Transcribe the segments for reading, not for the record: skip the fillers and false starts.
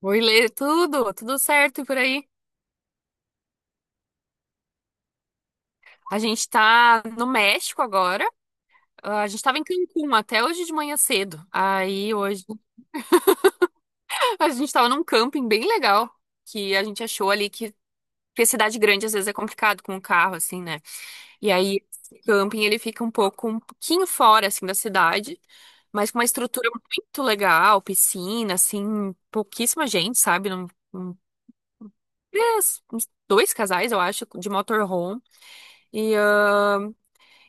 Oi, Lê, tudo certo por aí? A gente tá no México agora. Ah, a gente tava em Cancún até hoje de manhã cedo. Aí hoje a gente tava num camping bem legal que a gente achou ali que porque cidade grande às vezes é complicado com o carro assim, né? E aí esse camping ele fica um pouco um pouquinho fora assim da cidade, mas com uma estrutura muito legal, piscina, assim, pouquíssima gente, sabe? Num- Uns dois casais, eu acho, de motorhome. E ah,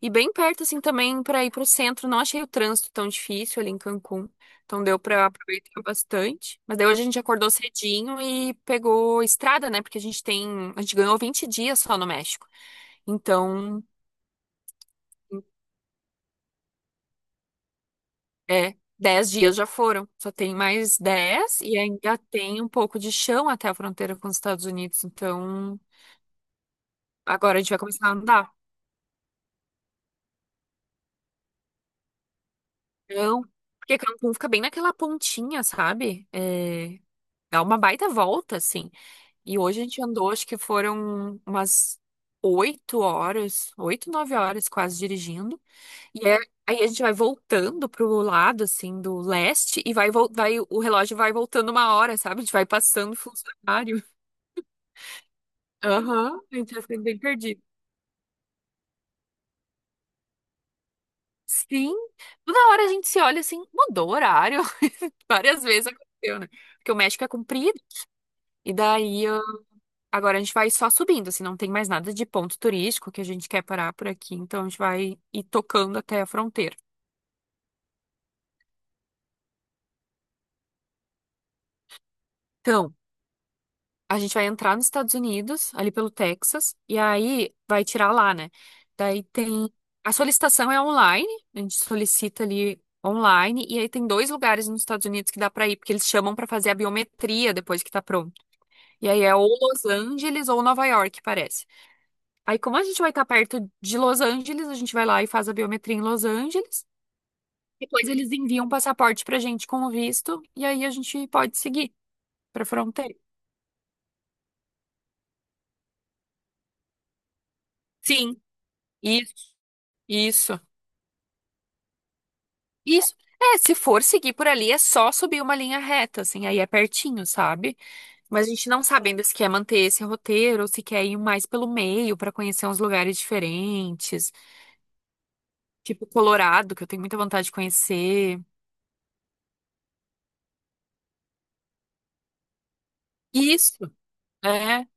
E bem perto, assim, também para ir para o centro. Não achei o trânsito tão difícil ali em Cancún. Então deu para aproveitar bastante. Mas daí hoje a gente acordou cedinho e pegou estrada, né? Porque a gente tem. A gente ganhou 20 dias só no México. Então, é. 10 dias já foram. Só tem mais 10 e ainda tem um pouco de chão até a fronteira com os Estados Unidos. Então, agora a gente vai começar a andar. Então, porque Cancún fica bem naquela pontinha, sabe? É, dá uma baita volta, assim. E hoje a gente andou, acho que foram umas 8 horas, 8, 9 horas quase dirigindo. E é- Aí a gente vai voltando pro lado, assim, do leste, e vai, o relógio vai voltando 1 hora, sabe? A gente vai passando funcionário. Aham, a gente vai ficando bem perdido. Sim, toda hora a gente se olha assim, mudou o horário. Várias vezes aconteceu, né? Porque o México é comprido, e daí. Agora a gente vai só subindo, assim, não tem mais nada de ponto turístico que a gente quer parar por aqui, então a gente vai ir tocando até a fronteira. Então, a gente vai entrar nos Estados Unidos, ali pelo Texas, e aí vai tirar lá, né? Daí tem. A solicitação é online, a gente solicita ali online, e aí tem dois lugares nos Estados Unidos que dá pra ir, porque eles chamam pra fazer a biometria depois que tá pronto. E aí é ou Los Angeles ou Nova York, parece. Aí, como a gente vai estar perto de Los Angeles, a gente vai lá e faz a biometria em Los Angeles. Depois eles enviam o passaporte pra gente com o visto e aí a gente pode seguir pra fronteira. Sim, isso, isso, isso. É, se for seguir por ali, é só subir uma linha reta, assim, aí é pertinho, sabe? Mas a gente não sabe ainda se quer manter esse roteiro ou se quer ir mais pelo meio pra conhecer uns lugares diferentes, tipo Colorado, que eu tenho muita vontade de conhecer. Isso, é,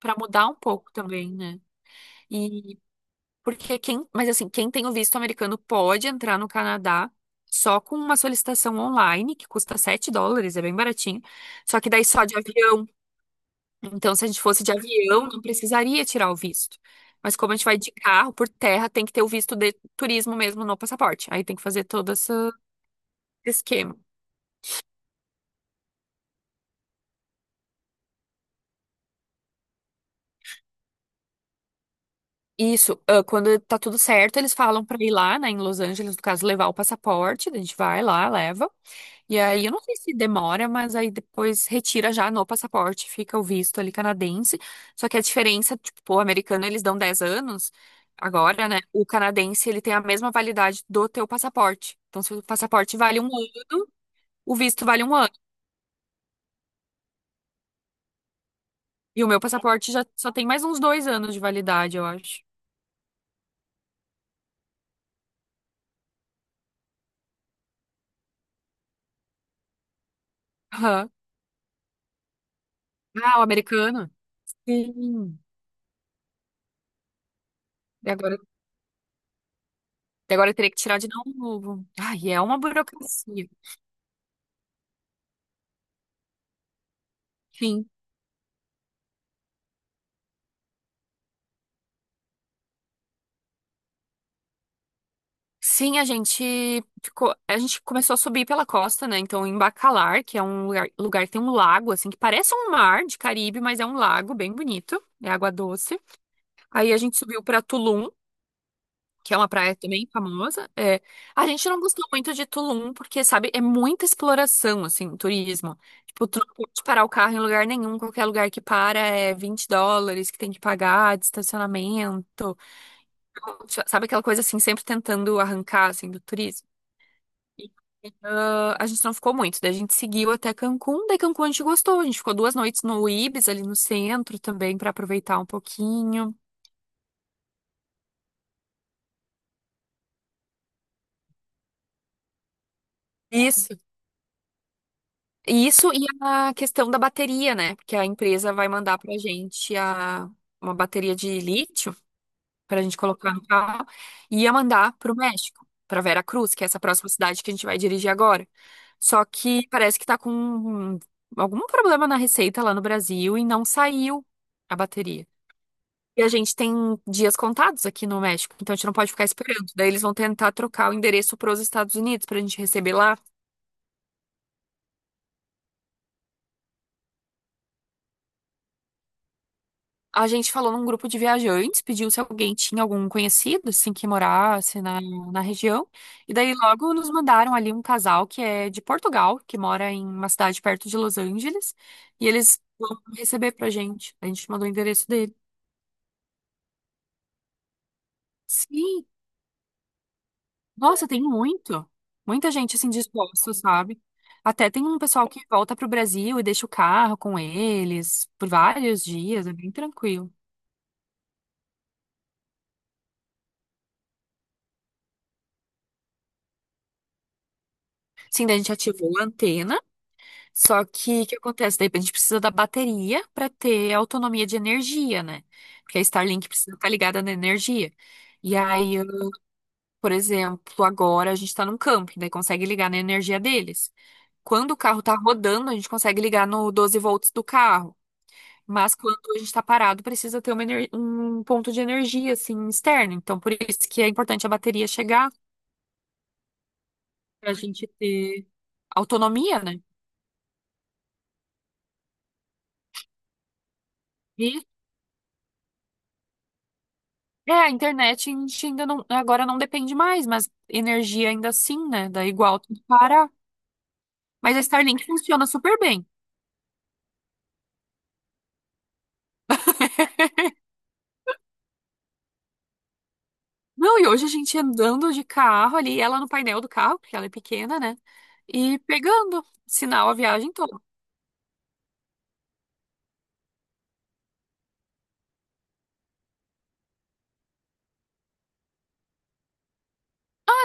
pra mudar um pouco também, né? E porque quem, mas assim, quem tem o visto americano pode entrar no Canadá só com uma solicitação online, que custa US$ 7, é bem baratinho. Só que daí só de avião. Então, se a gente fosse de avião, não precisaria tirar o visto. Mas como a gente vai de carro por terra, tem que ter o visto de turismo mesmo no passaporte. Aí tem que fazer todo esse esquema. Isso, ah, quando tá tudo certo, eles falam pra ir lá, né, em Los Angeles, no caso, levar o passaporte, a gente vai lá, leva. E aí, eu não sei se demora, mas aí depois retira já no passaporte, fica o visto ali canadense. Só que a diferença, tipo, o americano eles dão 10 anos agora, né? O canadense ele tem a mesma validade do teu passaporte. Então, se o passaporte vale 1 ano, o visto vale 1 ano. E o meu passaporte já só tem mais uns 2 anos de validade, eu acho. Aham. Ah, o americano? Sim. E agora, e agora eu teria que tirar de novo. Ai, é uma burocracia. Sim. Sim, a gente ficou, a gente começou a subir pela costa, né? Então, em Bacalar, que é um lugar, lugar que tem um lago, assim, que parece um mar de Caribe, mas é um lago bem bonito, é água doce. Aí a gente subiu pra Tulum, que é uma praia também famosa. É, a gente não gostou muito de Tulum, porque, sabe, é muita exploração, assim, turismo. Tipo, tu não pode parar o carro em lugar nenhum, qualquer lugar que para é US$ 20 que tem que pagar de estacionamento. Então, sabe aquela coisa assim, sempre tentando arrancar, assim, do turismo? E, ah, a gente não ficou muito, daí a gente seguiu até Cancún, daí Cancún a gente gostou, a gente ficou 2 noites no Ibis, ali no centro também, para aproveitar um pouquinho. Isso. Isso e a questão da bateria, né? Porque a empresa vai mandar pra gente a, uma bateria de lítio pra gente colocar no carro e ia mandar pro México, pra Veracruz, que é essa próxima cidade que a gente vai dirigir agora. Só que parece que tá com algum problema na receita lá no Brasil e não saiu a bateria. E a gente tem dias contados aqui no México, então a gente não pode ficar esperando. Daí eles vão tentar trocar o endereço para os Estados Unidos para a gente receber lá. A gente falou num grupo de viajantes, pediu se alguém tinha algum conhecido, assim, que morasse na, na região. E daí logo nos mandaram ali um casal que é de Portugal, que mora em uma cidade perto de Los Angeles, e eles vão receber pra gente. A gente mandou o endereço dele. Sim, nossa, tem muito. Muita gente assim disposta, sabe? Até tem um pessoal que volta pro Brasil e deixa o carro com eles por vários dias, é bem tranquilo. Sim, daí a gente ativou a antena, só que o que acontece? Daí a gente precisa da bateria para ter autonomia de energia, né? Porque a Starlink precisa estar ligada na energia. E aí, eu, por exemplo, agora a gente está num camping, daí consegue ligar na energia deles. Quando o carro tá rodando, a gente consegue ligar no 12 V do carro. Mas quando a gente está parado, precisa ter um ponto de energia assim externo. Então, por isso que é importante a bateria chegar para a gente ter autonomia, né? E É, a internet a gente ainda não, agora não depende mais, mas energia ainda assim, né? Dá igual tem que parar. Mas a Starlink funciona super bem. Não, e hoje a gente andando de carro ali, ela no painel do carro, porque ela é pequena, né? E pegando sinal a viagem toda.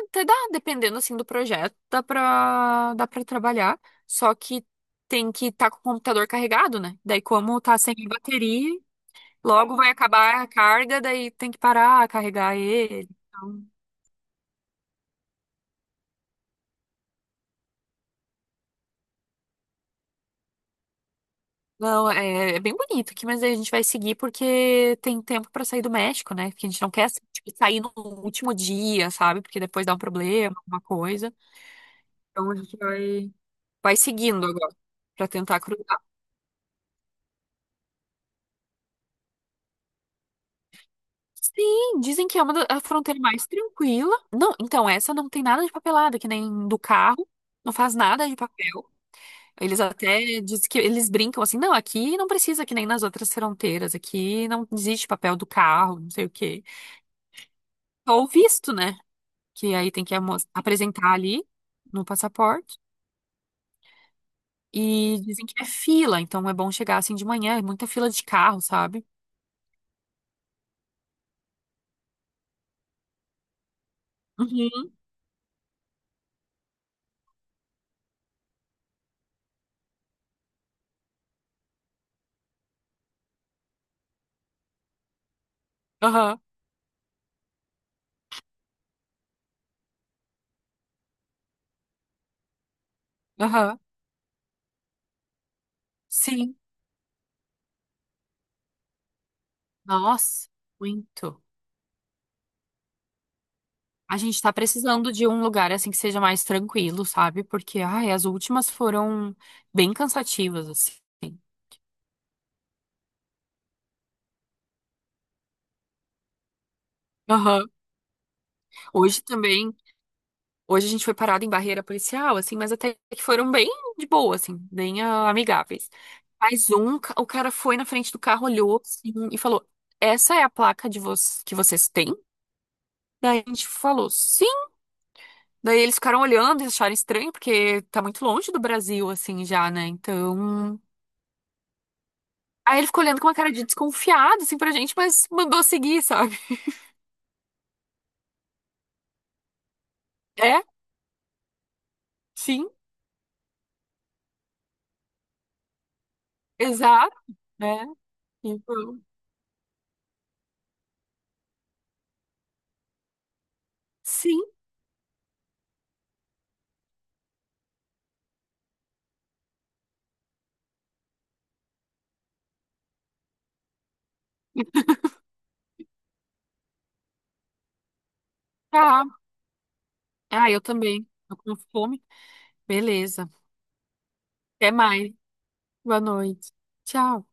Até dá, dependendo assim do projeto, dá pra trabalhar, só que tem que estar com o computador carregado, né? Daí, como tá sem bateria, logo vai acabar a carga, daí tem que parar, carregar ele. Então, não, é, é bem bonito aqui, mas aí a gente vai seguir porque tem tempo pra sair do México, né? Porque a gente não quer assim, tipo, sair no último dia, sabe? Porque depois dá um problema, alguma coisa. Então a gente vai, vai seguindo agora pra tentar cruzar. Sim, dizem que é uma da, a fronteira mais tranquila. Não, então essa não tem nada de papelada, que nem do carro, não faz nada de papel. Eles até dizem que eles brincam assim, não, aqui não precisa que nem nas outras fronteiras, aqui não existe papel do carro, não sei o quê. Ou visto, né? Que aí tem que apresentar ali no passaporte. E dizem que é fila, então é bom chegar assim de manhã, é muita fila de carro, sabe? Uhum. Aham, aham. Sim. Nossa, muito. A gente tá precisando de um lugar assim que seja mais tranquilo, sabe? Porque, ai, as últimas foram bem cansativas, assim. Aham. Hoje também, hoje a gente foi parado em barreira policial, assim, mas até que foram bem de boa, assim, bem ah, amigáveis. Mas um, o cara foi na frente do carro, olhou assim, e falou: Essa é a placa de vo que vocês têm? Daí a gente falou, sim. Daí eles ficaram olhando e acharam estranho, porque tá muito longe do Brasil, assim, já, né? Então. Aí ele ficou olhando com uma cara de desconfiado, assim, pra gente, mas mandou seguir, sabe? É, sim, exato, né? Então, sim, tá. Ah, eu também. Tô com fome. Beleza. Até mais. Boa noite. Tchau.